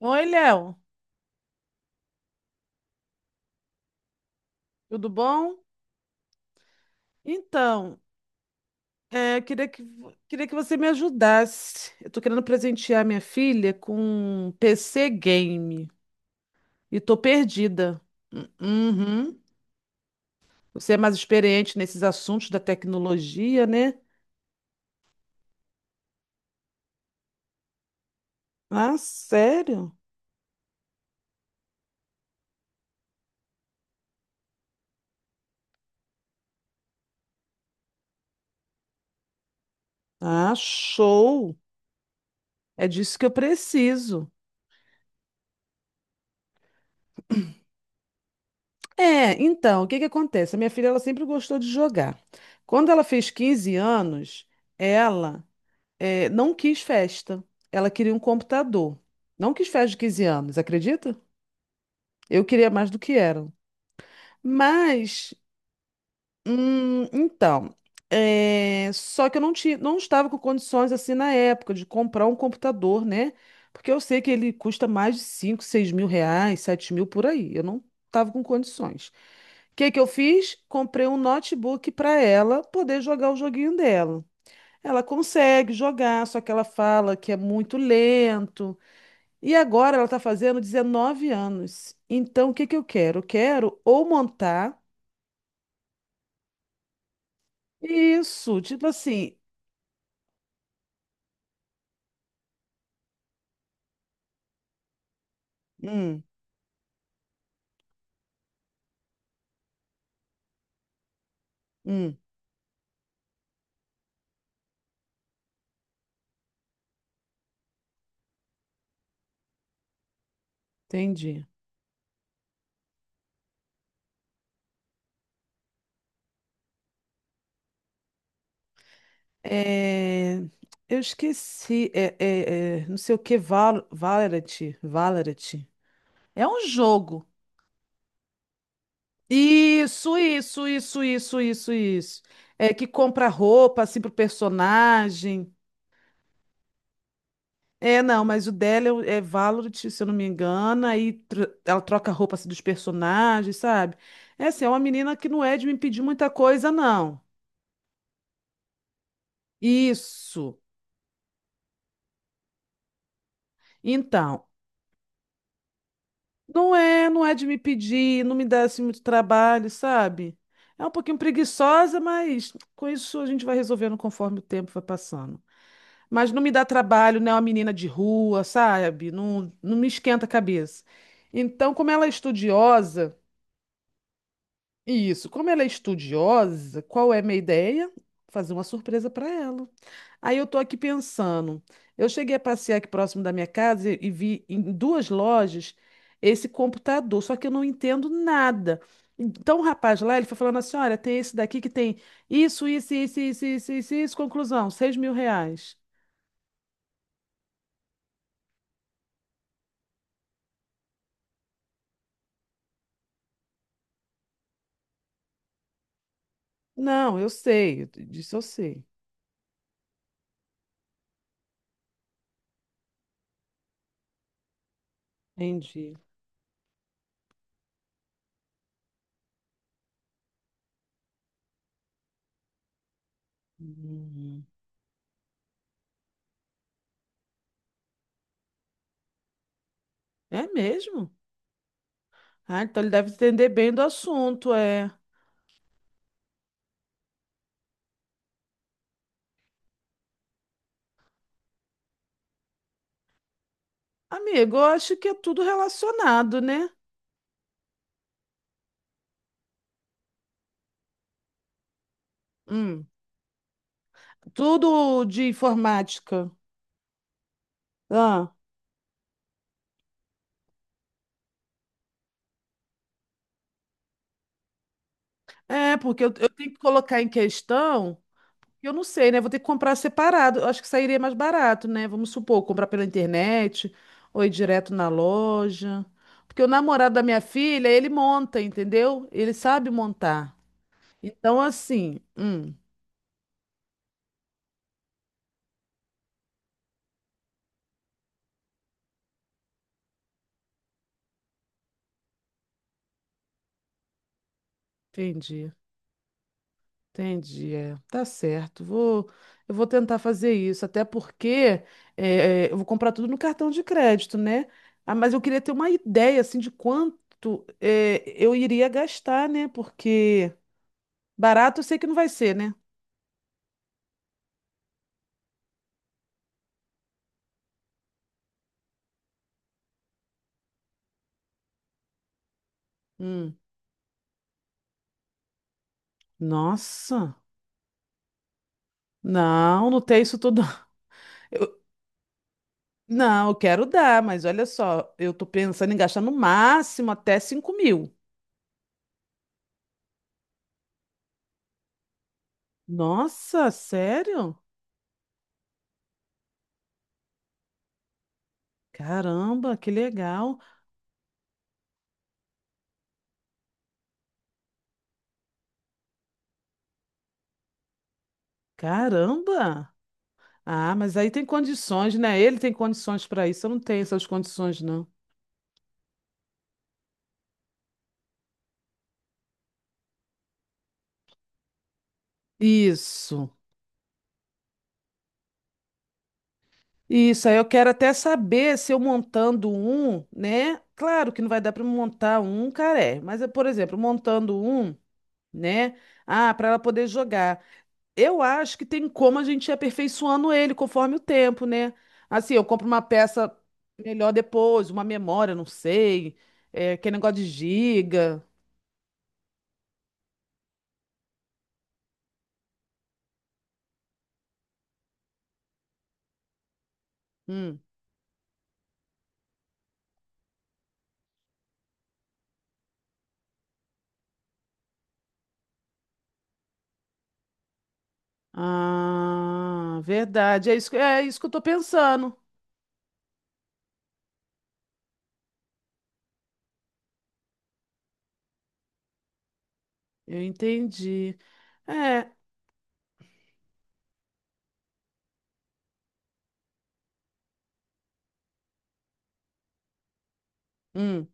Oi, Léo, tudo bom? Então, eu queria que, queria que você me ajudasse. Eu tô querendo presentear minha filha com um PC game e tô perdida. Hum. Uhum. Você é mais experiente nesses assuntos da tecnologia, né? Ah, sério? Ah, show! É disso que eu preciso. Então, o que que acontece? A minha filha, ela sempre gostou de jogar. Quando ela fez 15 anos, ela não quis festa. Ela queria um computador. Não quis festa de 15 anos, acredita? Eu queria mais do que era. Mas, então, só que eu não tinha, não estava com condições assim na época de comprar um computador, né? Porque eu sei que ele custa mais de 5, 6 mil reais, 7 mil por aí. Eu não estava com condições. O que que eu fiz? Comprei um notebook para ela poder jogar o joguinho dela. Ela consegue jogar, só que ela fala que é muito lento. E agora ela está fazendo 19 anos. Então, o que que eu quero? Eu quero ou montar isso, tipo assim. Hum. Hum. Entendi. É, eu esqueci. Não sei o que, Valorant. Valorant. É um jogo. Isso, isso, isso, isso, isso, isso. É que compra roupa assim pro personagem. É, não, mas o dela é Valorant, se eu não me engano, aí ela troca a roupa assim, dos personagens, sabe? É assim, é uma menina que não é de me pedir muita coisa, não. Isso. Então, não é de me pedir, não me dá assim muito trabalho, sabe? É um pouquinho preguiçosa, mas com isso a gente vai resolvendo conforme o tempo vai passando. Mas não me dá trabalho, não é uma menina de rua, sabe? Não, não me esquenta a cabeça. Então, como ela é estudiosa. Isso. Como ela é estudiosa, qual é a minha ideia? Fazer uma surpresa para ela. Aí eu estou aqui pensando. Eu cheguei a passear aqui próximo da minha casa e vi em duas lojas esse computador, só que eu não entendo nada. Então o rapaz lá, ele foi falando assim: olha, tem esse daqui que tem isso, isso, isso, isso, isso, isso, isso. Conclusão: 6 mil reais. Não, eu sei. Disso eu sei. Entendi. Hum. É mesmo? Ah, então ele deve entender bem do assunto, é. Amigo, eu acho que é tudo relacionado, né? Hum. Tudo de informática. Ah, porque eu tenho que colocar em questão, eu não sei, né? Vou ter que comprar separado. Eu acho que sairia mais barato, né? Vamos supor, comprar pela internet ou ir direto na loja. Porque o namorado da minha filha, ele monta, entendeu? Ele sabe montar. Então, assim, entendi. Entendi, é. Tá certo. Eu vou tentar fazer isso, até porque eu vou comprar tudo no cartão de crédito, né? Ah, mas eu queria ter uma ideia assim de quanto eu iria gastar, né? Porque barato eu sei que não vai ser, né? Hum. Nossa, não, não tem isso tudo. Eu- não, eu quero dar, mas olha só, eu tô pensando em gastar no máximo até 5 mil. Nossa, sério? Caramba, que legal. Caramba! Ah, mas aí tem condições, né? Ele tem condições para isso. Eu não tenho essas condições, não. Isso. Isso. Aí eu quero até saber se eu montando um, né? Claro que não vai dar para montar um caré, mas, por exemplo, montando um, né? Ah, para ela poder jogar. Eu acho que tem como a gente ir aperfeiçoando ele conforme o tempo, né? Assim, eu compro uma peça melhor depois, uma memória, não sei. Aquele negócio de giga. Hum. Ah, verdade. É isso que eu tô pensando. Eu entendi. É. Hum.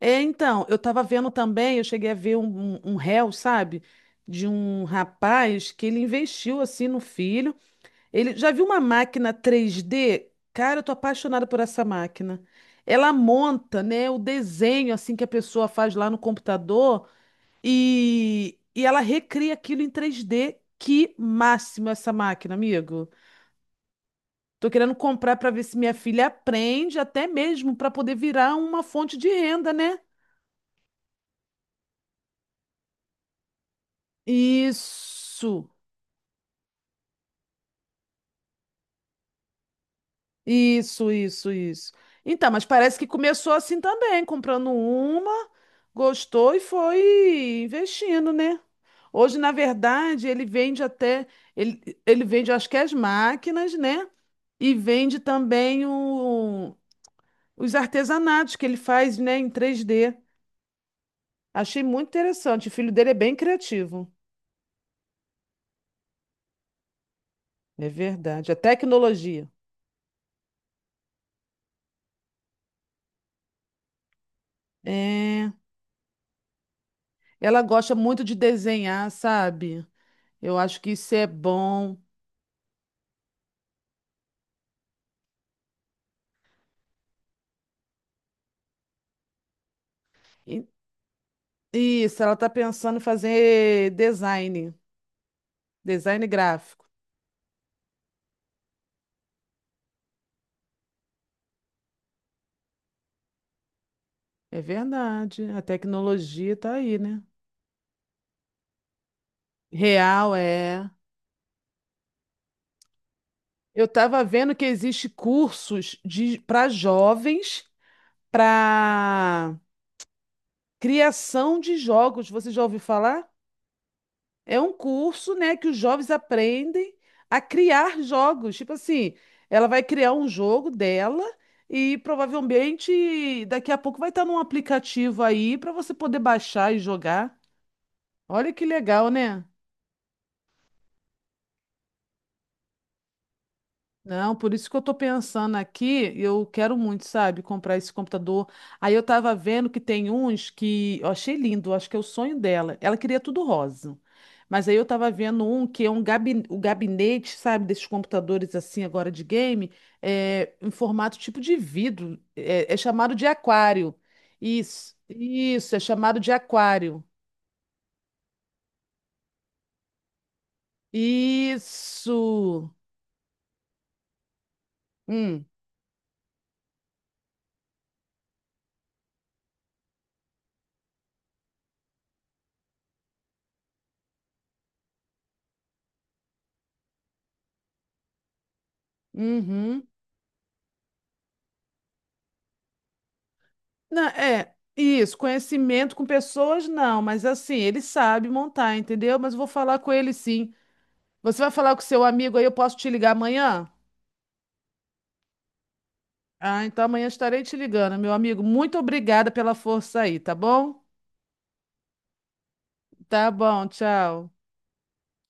Então, eu tava vendo também, eu cheguei a ver um réu, sabe? De um rapaz que ele investiu assim no filho. Ele já viu uma máquina 3D. Cara, eu tô apaixonada por essa máquina. Ela monta, né, o desenho assim que a pessoa faz lá no computador e ela recria aquilo em 3D. Que máximo essa máquina, amigo. Tô querendo comprar para ver se minha filha aprende, até mesmo para poder virar uma fonte de renda, né? Isso, isso, isso, isso. Então, mas parece que começou assim também, comprando uma, gostou e foi investindo, né? Hoje, na verdade, ele vende até, ele vende, acho que as máquinas, né? E vende também os artesanatos que ele faz, né, em 3D. Achei muito interessante. O filho dele é bem criativo. É verdade. A tecnologia. É, ela gosta muito de desenhar, sabe? Eu acho que isso é bom. E- Isso, ela está pensando em fazer design gráfico. É verdade. A tecnologia está aí, né? Real, é. Eu estava vendo que existe cursos de para jovens para criação de jogos. Você já ouviu falar? É um curso, né, que os jovens aprendem a criar jogos. Tipo assim, ela vai criar um jogo dela e provavelmente daqui a pouco vai estar num aplicativo aí para você poder baixar e jogar. Olha que legal, né? Não, por isso que eu tô pensando aqui, eu quero muito, sabe, comprar esse computador. Aí eu tava vendo que tem uns que eu achei lindo, acho que é o sonho dela. Ela queria tudo rosa. Mas aí eu tava vendo um que é um o gabinete, sabe, desses computadores assim agora de game, em formato tipo de vidro, é chamado de aquário. Isso, é chamado de aquário. Isso. Hum. Uhum. Não, isso, conhecimento com pessoas, não, mas assim, ele sabe montar, entendeu? Mas eu vou falar com ele sim. Você vai falar com seu amigo aí, eu posso te ligar amanhã? Ah, então amanhã estarei te ligando, meu amigo. Muito obrigada pela força aí, tá bom? Tá bom, tchau.